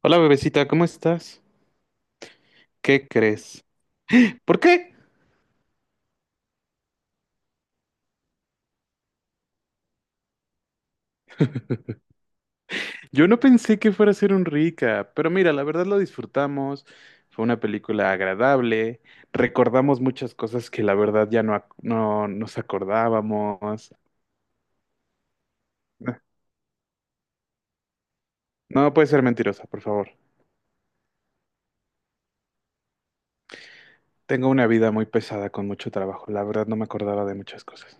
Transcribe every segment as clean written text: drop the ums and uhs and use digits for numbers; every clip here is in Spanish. Hola bebecita, ¿cómo estás? ¿Qué crees? ¿Por qué? Yo no pensé que fuera a ser un rica, pero mira, la verdad lo disfrutamos, fue una película agradable, recordamos muchas cosas que la verdad ya no, no nos acordábamos. No puede ser mentirosa, por favor. Tengo una vida muy pesada con mucho trabajo, la verdad no me acordaba de muchas cosas.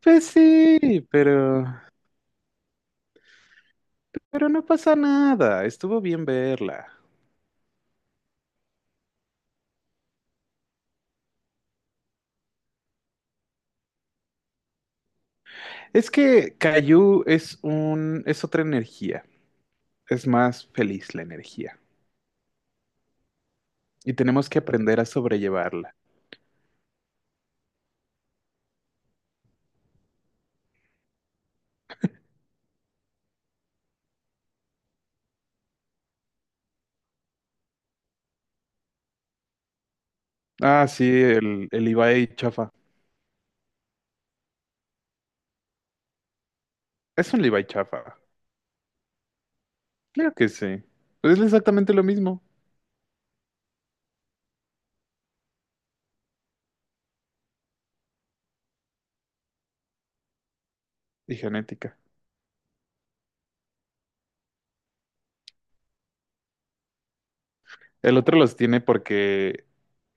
Pues sí, pero no pasa nada, estuvo bien verla. Es que Caillou es un es otra energía. Es más feliz la energía y tenemos que aprender a sobrellevarla. Ah, sí, el Levi chafa. Es un Levi chafa. Claro que sí. Pues es exactamente lo mismo. Y genética. El otro los tiene porque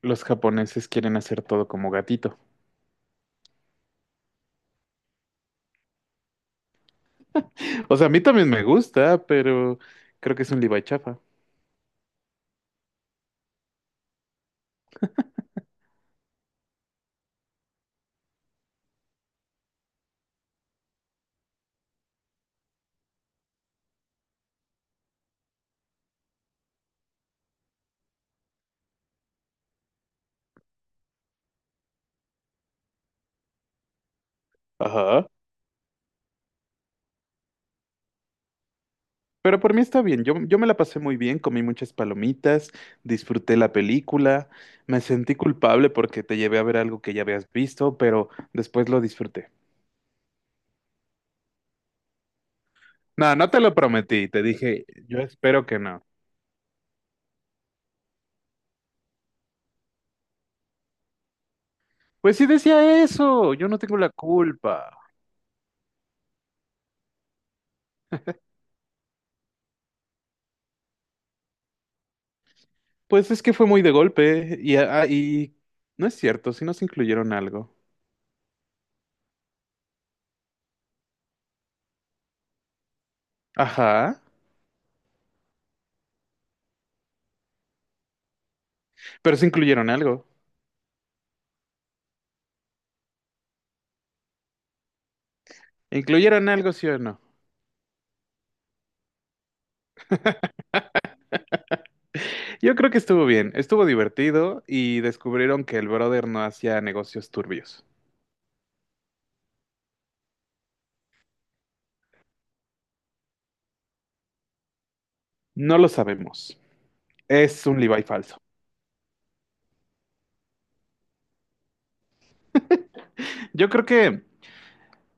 los japoneses quieren hacer todo como gatito. O sea, a mí también me gusta, pero creo que es un Levi chafa. Ajá. Pero por mí está bien, yo me la pasé muy bien, comí muchas palomitas, disfruté la película, me sentí culpable porque te llevé a ver algo que ya habías visto, pero después lo disfruté. No, no te lo prometí, te dije, yo espero que no. Pues sí decía eso, yo no tengo la culpa. Pues es que fue muy de golpe y, y no es cierto, si nos incluyeron algo. Ajá, pero sí incluyeron algo. ¿Incluyeron algo, sí o no? Yo creo que estuvo bien, estuvo divertido y descubrieron que el brother no hacía negocios turbios. No lo sabemos. Es un Levi falso. Yo creo que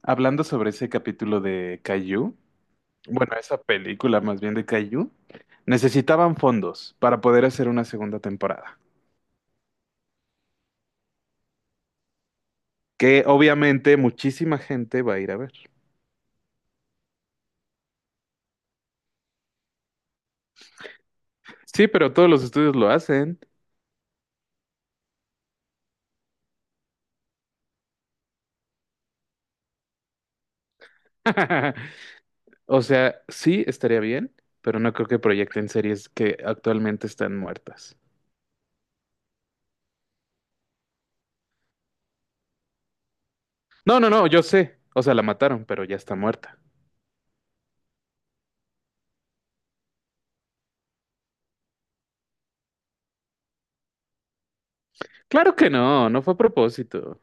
hablando sobre ese capítulo de Caillou, bueno, esa película más bien de Caillou, necesitaban fondos para poder hacer una segunda temporada, que obviamente muchísima gente va a ir a ver. Sí, pero todos los estudios lo hacen. O sea, sí estaría bien, pero no creo que proyecten series que actualmente están muertas. No, no, no, yo sé. O sea, la mataron, pero ya está muerta. Claro que no, no fue a propósito.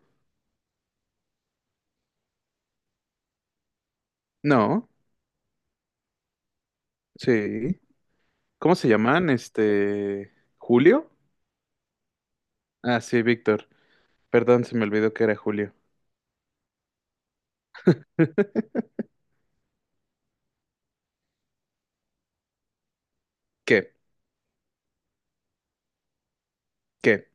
No, sí. ¿Cómo se llaman? Este ¿Julio? Ah, sí, Víctor. Perdón, se me olvidó que era Julio. ¿Qué? ¿Qué?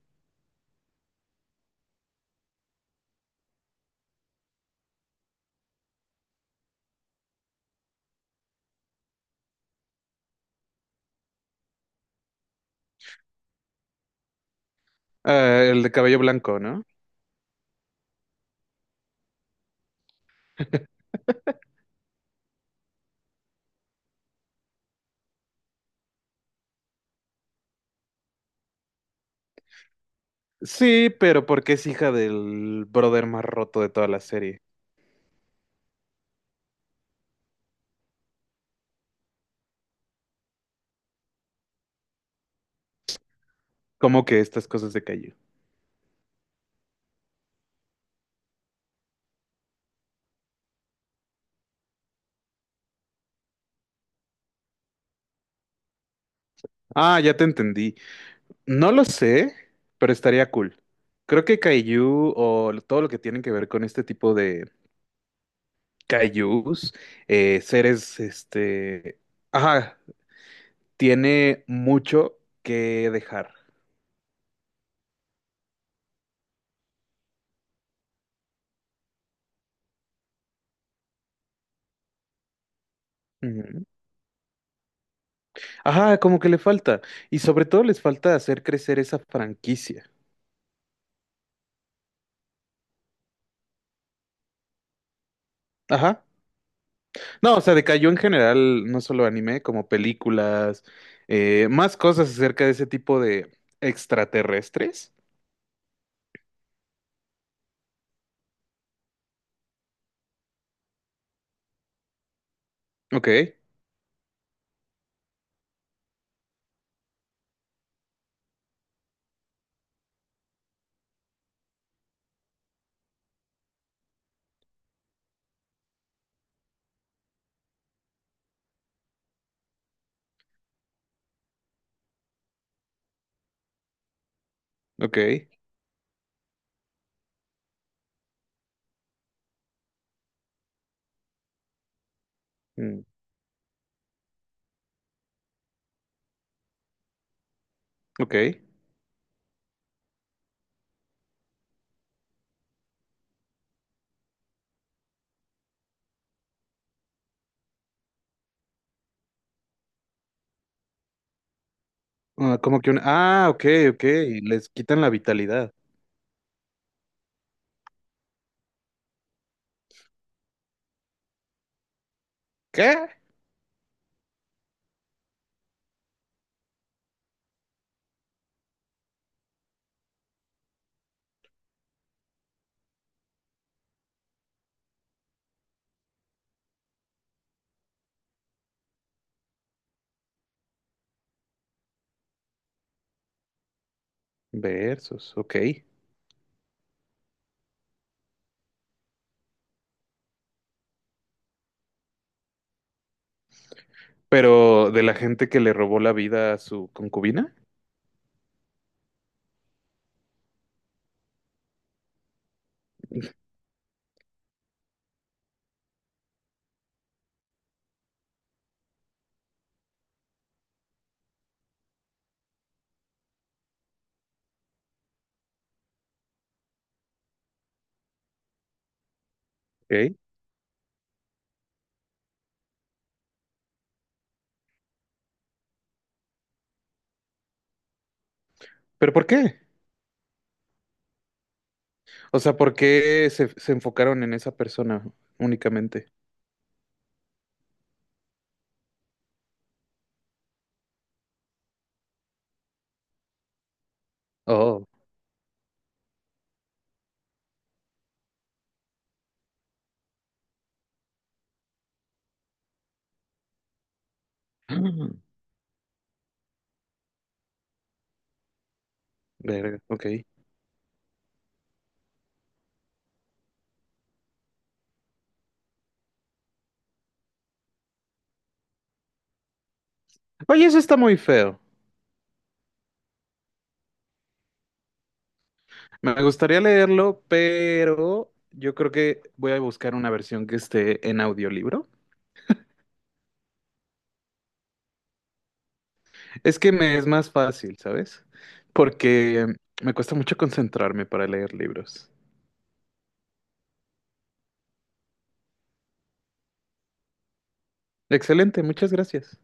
Ah, el de cabello blanco, ¿no? Sí, pero porque es hija del brother más roto de toda la serie. ¿Cómo que estas cosas de Caillou? Ah, ya te entendí. No lo sé, pero estaría cool. Creo que Caillou o todo lo que tiene que ver con este tipo de Kaijus, seres, este, ajá, tiene mucho que dejar. Ujú. Ajá, como que le falta. Y sobre todo les falta hacer crecer esa franquicia. Ajá. No, o sea, decayó en general, no solo anime, como películas, más cosas acerca de ese tipo de extraterrestres. Ok, ok, mm, ok. Ah, como que un Ah, ok, ok. Les quitan la vitalidad. ¿Qué? Versus, ok. Pero de la gente que le robó la vida a su concubina, ¿ok? ¿Pero por qué? O sea, ¿por qué se enfocaron en esa persona únicamente? Oh. Mm, verga, ok. Oye, eso está muy feo. Me gustaría leerlo, pero yo creo que voy a buscar una versión que esté en audiolibro. Es que me es más fácil, ¿sabes? Porque me cuesta mucho concentrarme para leer libros. Excelente, muchas gracias.